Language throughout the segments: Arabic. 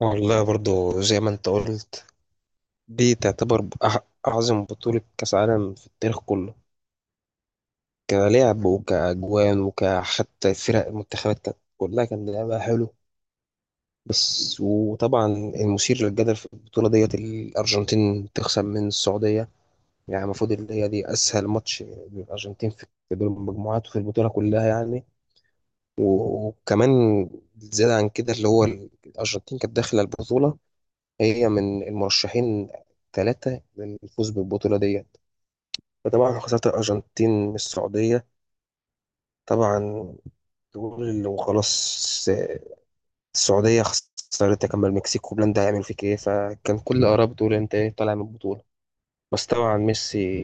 والله برضو زي ما انت قلت، دي تعتبر أعظم بطولة كأس عالم في التاريخ كله. كلعب وكأجوان وكحتى فرق المنتخبات كانت كلها كان لعبها حلو. بس وطبعا المثير للجدل في البطولة ديت الأرجنتين تخسر من السعودية. يعني المفروض اللي هي دي أسهل ماتش للأرجنتين في دور المجموعات وفي البطولة كلها يعني. وكمان زيادة عن كده اللي هو الأرجنتين كانت داخلة البطولة، هي من المرشحين ثلاثة للفوز بالبطولة ديت. فطبعا خسارة الأرجنتين من السعودية، طبعا تقول وخلاص السعودية خسرت كمان المكسيك وبولندا، هيعمل فيك ايه؟ فكان كل الآراء بتقول انت ايه طالع من البطولة. بس طبعا ميسي،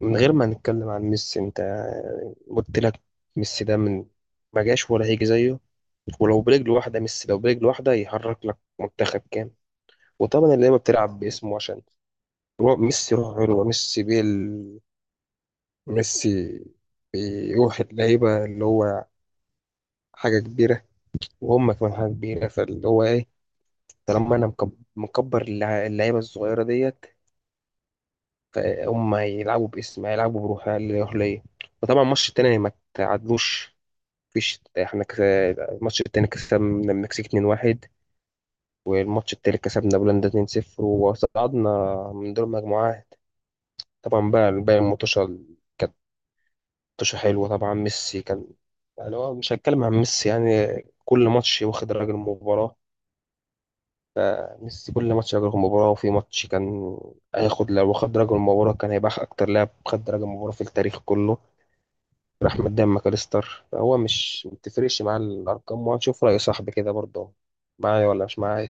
من غير ما نتكلم عن ميسي انت قلت لك، ميسي ده من ما جاش ولا هيجي زيه. ولو برجل واحدة، ميسي لو برجل واحدة يحرك لك منتخب كامل. وطبعا اللعيبة بتلعب باسمه، عشان هو ميسي روح حلوة، ميسي بيل ميسي بيروح اللعيبة، اللي هو حاجة كبيرة وهم كمان حاجة كبيرة. فاللي هو إيه، طالما أنا مكبر اللعيبة الصغيرة ديت، فهم هيلعبوا باسم، هيلعبوا بروح اللي يروح ليا. وطبعا الماتش التاني ما تعادلوش، مفيش، احنا الماتش التاني كسبنا المكسيك 2-1، والماتش التالت كسبنا بولندا 2-0 وصعدنا من دور المجموعات. طبعا بقى الباقي الماتشات، ماتش حلو. طبعا ميسي كان، يعني هو مش هتكلم عن ميسي يعني، كل ماتش واخد راجل المباراة. ميسي كل ماتش راجل المباراة، وفي ماتش كان هياخد، لو خد راجل المباراة كان هيبقى أكتر لاعب خد راجل المباراة في التاريخ كله. راح قدام ماكاليستر، هو مش ما بتفرقش مع الأرقام. وهنشوف رأي صاحبي كده برضه، معايا ولا مش معايا؟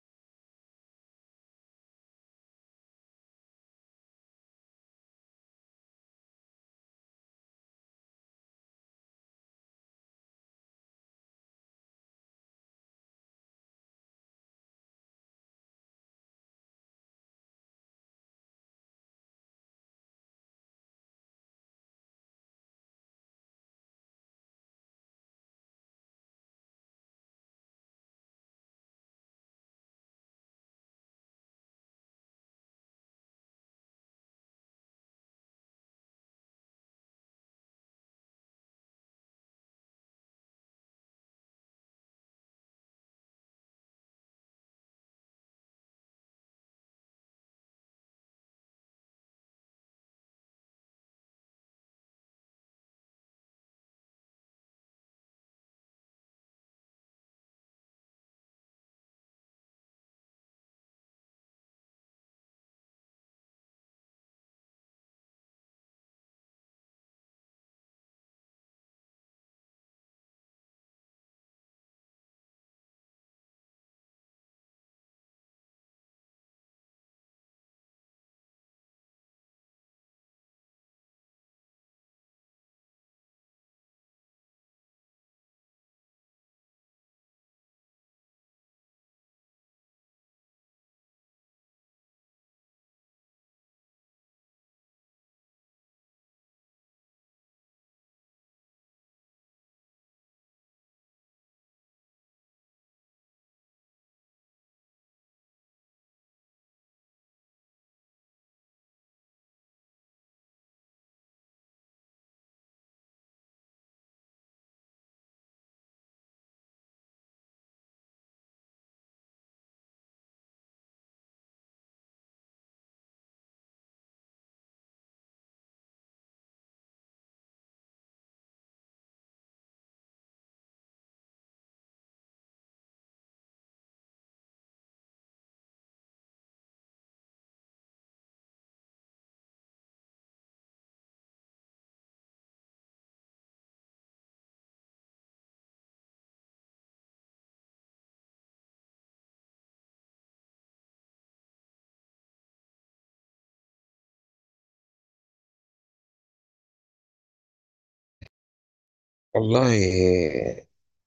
والله،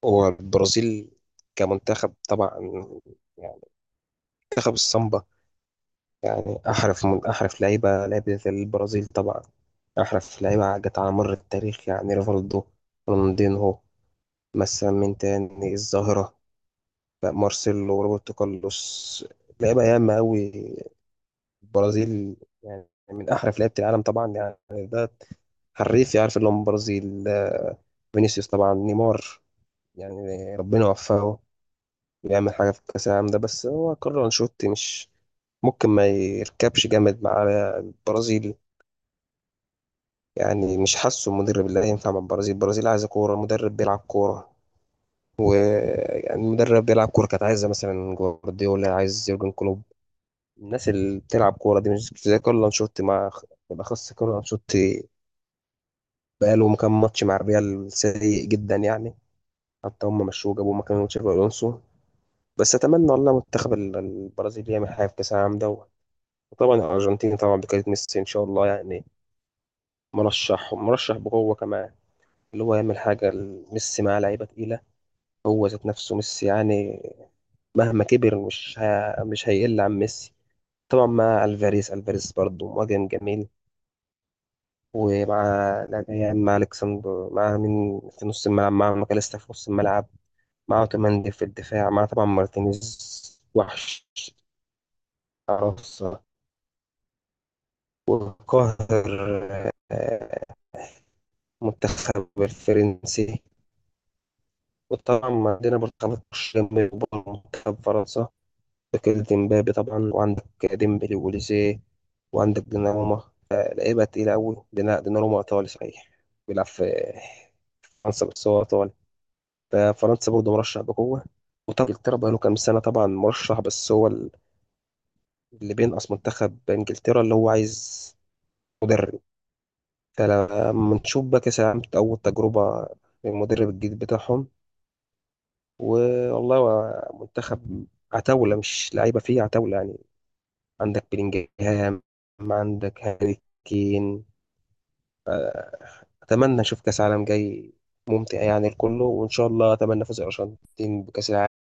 هو البرازيل كمنتخب طبعا، يعني منتخب السامبا، يعني أحرف من أحرف لعيبة، لعيبة البرازيل طبعا أحرف لعيبة جت على مر التاريخ. يعني ريفالدو، رونالدينهو، مثلا مين تاني؟ الظاهرة، لا، مارسيلو وروبرتو كارلوس، لعيبة ياما أوي البرازيل. يعني من أحرف لعيبة العالم طبعا، يعني ده حريف يعرف اللي هو من البرازيل. آه، فينيسيوس، طبعا نيمار، يعني ربنا يوفقه يعمل حاجة في كأس العالم ده. بس هو كارلو أنشيلوتي مش ممكن ما يركبش جامد مع البرازيل. يعني مش حاسه المدرب اللي هينفع مع البرازيل، البرازيل عايزة كورة، مدرب بيلعب كورة. ويعني مدرب بيلعب كورة، كانت عايزة مثلا جوارديولا، عايز يورجن كلوب، الناس اللي بتلعب كورة دي، مش زي كارلو أنشيلوتي. مع بالأخص كارلو أنشيلوتي، بقاله كام ماتش مع الريال سيء جدا يعني. حتى هم مشوه جابوا مكان تشابي ألونسو. بس أتمنى والله منتخب البرازيل يعمل حاجة في كأس العالم ده. وطبعا الأرجنتين، طبعا بكرة ميسي إن شاء الله، يعني مرشح، مرشح بقوة كمان، اللي هو يعمل حاجة. ميسي مع لعيبة تقيلة، هو ذات نفسه ميسي، يعني مهما كبر مش هيقل عن ميسي. طبعا مع الفاريز، الفاريز برضه مهاجم جميل، ومع يعني مع الكسندر، مع مين في نص الملعب؟ مع ماكاليستا في نص الملعب، مع اوتوماندي في الدفاع، مع طبعا مارتينيز، وحش، عرصة، وقاهر. آه، المنتخب الفرنسي، وطبعا عندنا برشلونة جميل، وبرضه منتخب فرنسا، تاكل ديمبابي طبعا، وعندك ديمبلي ووليزيه، وعندك ديناروما، فلعيبة تقيلة أوي. ديناروما إيطالي صحيح بيلعب في فرنسا، بس هو إيطالي. ففرنسا برضه مرشح بقوة. وطبعا إنجلترا بقاله كام سنة طبعا مرشح، بس هو اللي بينقص منتخب إنجلترا اللي هو عايز مدرب. فلما نشوف بقى كأس العالم أول تجربة للمدرب الجديد بتاعهم. والله هو منتخب عتاولة، مش لعيبة، فيه عتاولة يعني. عندك بلينجهام، عندك هاري كين. أتمنى أشوف كأس عالم جاي ممتع يعني الكله، وإن شاء الله أتمنى فوز الأرجنتين بكأس العالم.